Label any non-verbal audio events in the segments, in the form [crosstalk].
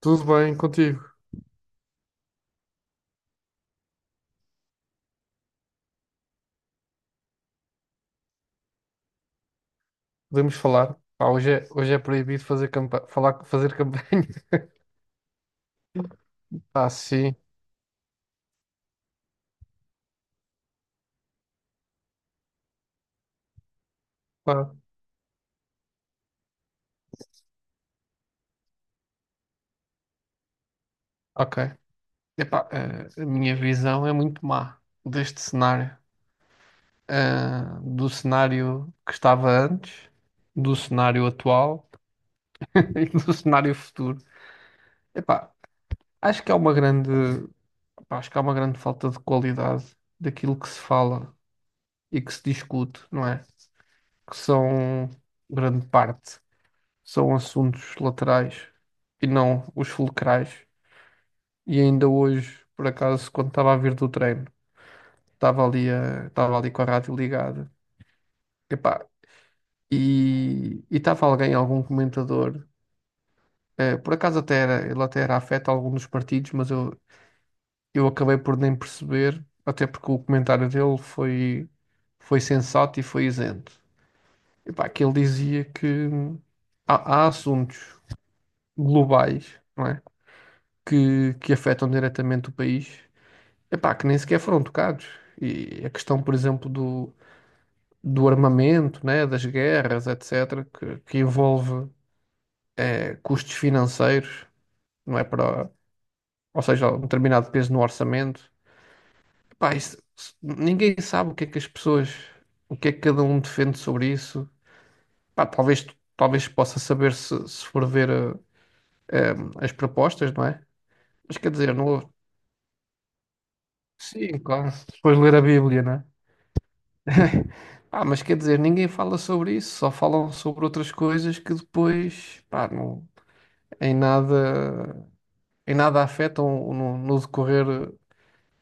Tudo bem contigo? Podemos falar? Pá, hoje é proibido fazer campa falar, fazer campanha. [laughs] Ah, sim. Pá, ok. Epá, a minha visão é muito má deste cenário. Ah, do cenário que estava antes, do cenário atual [laughs] e do cenário futuro. Epá, acho que há uma grande, pá, acho que há uma grande falta de qualidade daquilo que se fala e que se discute, não é? Que são grande parte. São assuntos laterais e não os fulcrais. E ainda hoje, por acaso, quando estava a vir do treino, estava ali com a rádio ligada. Epá, e estava alguém, algum comentador, por acaso até era, ele até era afeto a algum dos partidos, eu acabei por nem perceber, até porque o comentário dele foi, foi sensato e foi isento. Epá, que ele dizia que há assuntos globais, não é? Que afetam diretamente o país, epá, que nem sequer foram tocados. E a questão, por exemplo, do armamento, né, das guerras, etc., que envolve custos financeiros, não é para, ou seja, um determinado peso no orçamento. Epá, ninguém sabe o que é que as pessoas, o que é que cada um defende sobre isso. Pá, talvez, talvez possa saber se for ver eh, as propostas, não é? Mas quer dizer, não, sim, claro, se depois ler a Bíblia, né? [laughs] Ah, mas quer dizer, ninguém fala sobre isso, só falam sobre outras coisas que depois, pá, em nada, em nada afetam no decorrer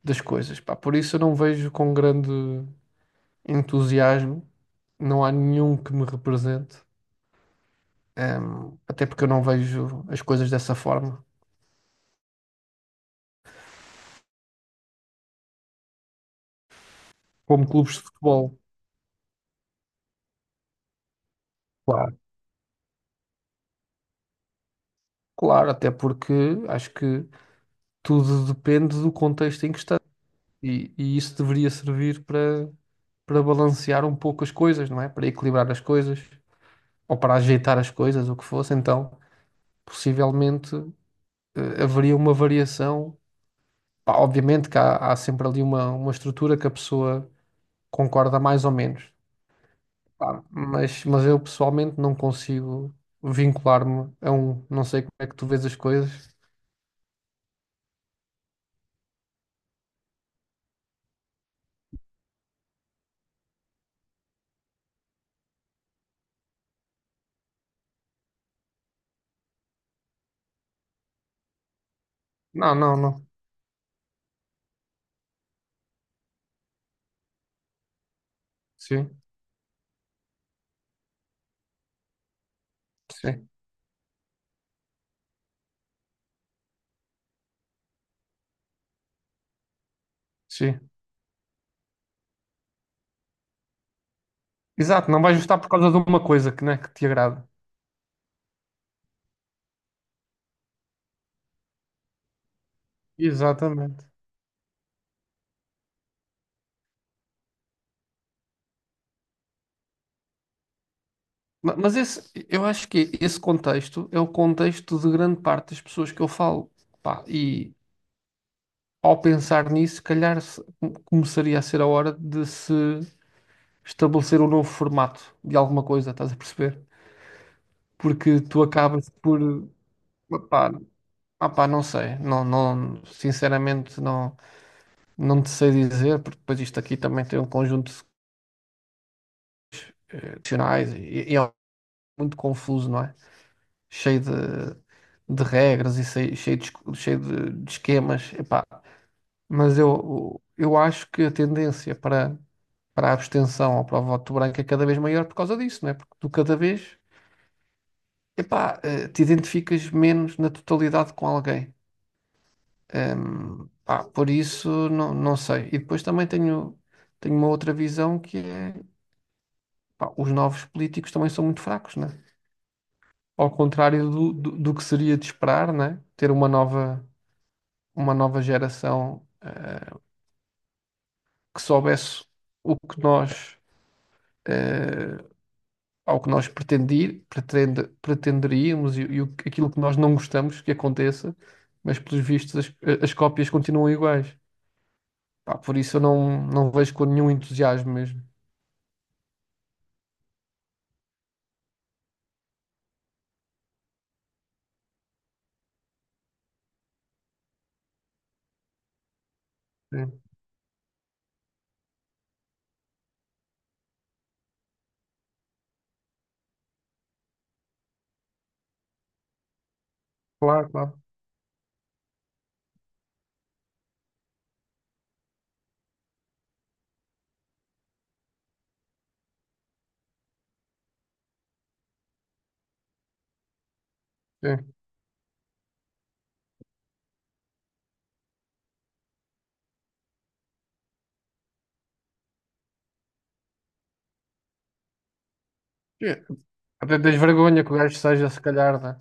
das coisas, pá. Por isso eu não vejo com grande entusiasmo, não há nenhum que me represente. Até porque eu não vejo as coisas dessa forma, como clubes de futebol, claro. Claro, até porque acho que tudo depende do contexto em que está e isso deveria servir para balancear um pouco as coisas, não é? Para equilibrar as coisas ou para ajeitar as coisas, o que fosse. Então, possivelmente, haveria uma variação. Pá, obviamente que há sempre ali uma estrutura que a pessoa concorda mais ou menos. Pá, mas eu pessoalmente não consigo vincular-me a um. Não sei como é que tu vês as coisas. Não, não, não. Sim, sim, sim. Exato, não vais gostar por causa de uma coisa que, né, que te agrada. Exatamente. Mas esse, eu acho que esse contexto é o contexto de grande parte das pessoas que eu falo. Pá, e ao pensar nisso, se calhar começaria a ser a hora de se estabelecer um novo formato de alguma coisa, estás a perceber? Porque tu acabas por. Pá, não sei, não, não, sinceramente não, não te sei dizer, porque depois isto aqui também tem um conjunto de questionais e é muito confuso, não é? Cheio de regras e cheio de esquemas, epá. Mas eu acho que a tendência para a abstenção ou para o voto branco é cada vez maior por causa disso, não é? Porque tu cada vez, te identificas menos na totalidade com alguém. Pá, por isso, não, não sei. E depois também tenho, tenho uma outra visão que é, pá, os novos políticos também são muito fracos, não é? Ao contrário do que seria de esperar, né? Ter uma nova geração que soubesse o que nós eh, ao que nós pretenderíamos e o aquilo que nós não gostamos que aconteça, mas pelos vistos as cópias continuam iguais. Pá, por isso eu não, não vejo com nenhum entusiasmo mesmo. Sim. Claro, claro. Sim. É. Até tens vergonha que o gajo seja, se calhar, né?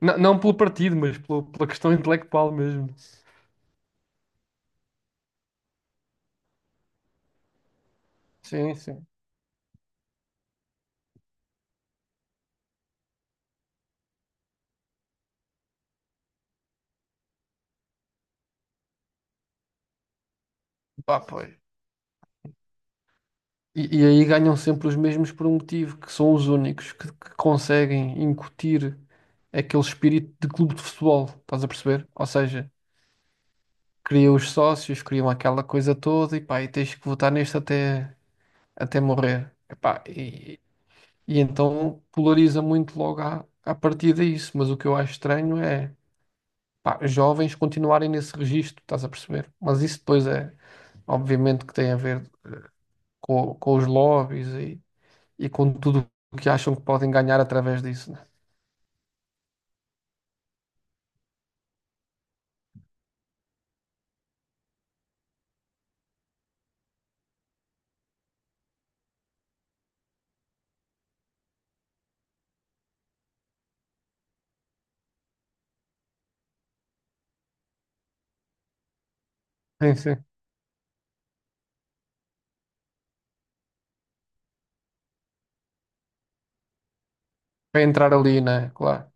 Não, não pelo partido, mas pela questão intelectual mesmo. Sim, sim. Pá, pois. E aí ganham sempre os mesmos por um motivo, que são os únicos que conseguem incutir aquele espírito de clube de futebol, estás a perceber? Ou seja, criam os sócios, criam aquela coisa toda e pá, e tens que votar até morrer. Epá, e então polariza muito logo à partida isso, mas o que eu acho estranho é pá, jovens continuarem nesse registro, estás a perceber? Mas isso depois é, obviamente, que tem a ver com os lobbies e com tudo o que acham que podem ganhar através disso, né? Sim, sim. Para entrar ali, né? Claro.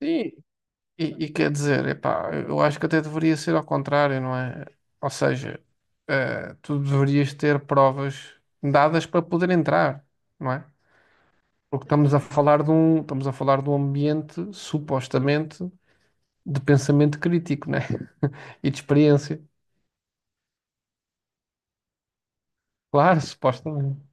E, e quer dizer, epá, eu acho que até deveria ser ao contrário, não é? Ou seja, tu deverias ter provas dadas para poder entrar, não é? Porque estamos a falar de um ambiente supostamente de pensamento crítico, né? [laughs] E de experiência. Claro, supostamente.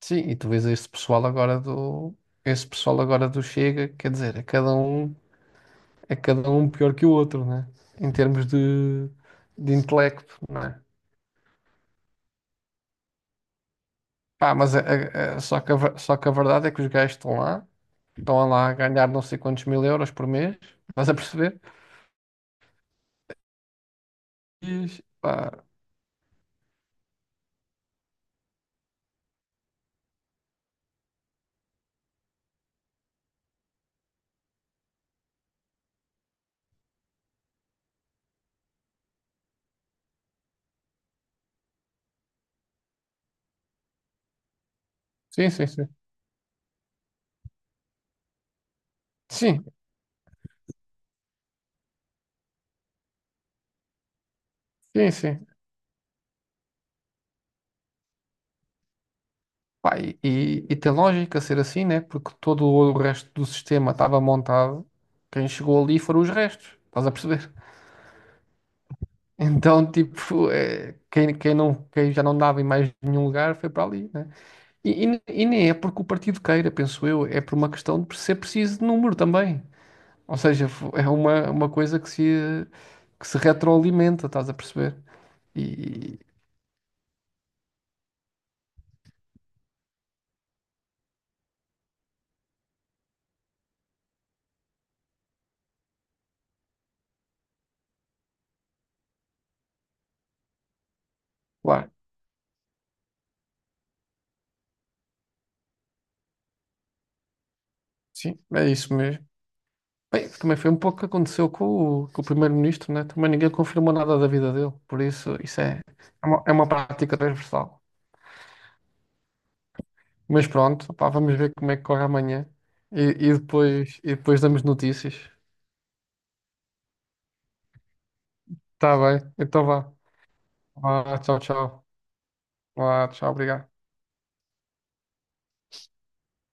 Sim, e tu vês esse pessoal agora do Chega, quer dizer, é cada um pior que o outro, né? Em termos de intelecto, né? Pá, mas só que a verdade é que os gajos estão lá a ganhar não sei quantos mil euros por mês, estás a perceber? E, pá, sim, sim, sim. Sim, sim, sim. Pá, e tem lógica ser assim, né? Porque todo o resto do sistema estava montado, quem chegou ali foram os restos, estás a perceber? [laughs] Então, tipo, é, quem já não dava em mais nenhum lugar foi para ali, né? E, e nem é porque o partido queira, penso eu, é por uma questão de ser preciso de número também. Ou seja, é uma coisa que se retroalimenta, estás a perceber? E, claro, sim, é isso mesmo. Bem, também foi um pouco o que aconteceu com o primeiro-ministro, né? Também ninguém confirmou nada da vida dele, por isso isso é, é uma prática transversal. Mas pronto, pá, vamos ver como é que corre amanhã e, e e depois damos notícias. Tá bem, então vá. Vá, tchau, tchau. Vá, tchau, obrigado.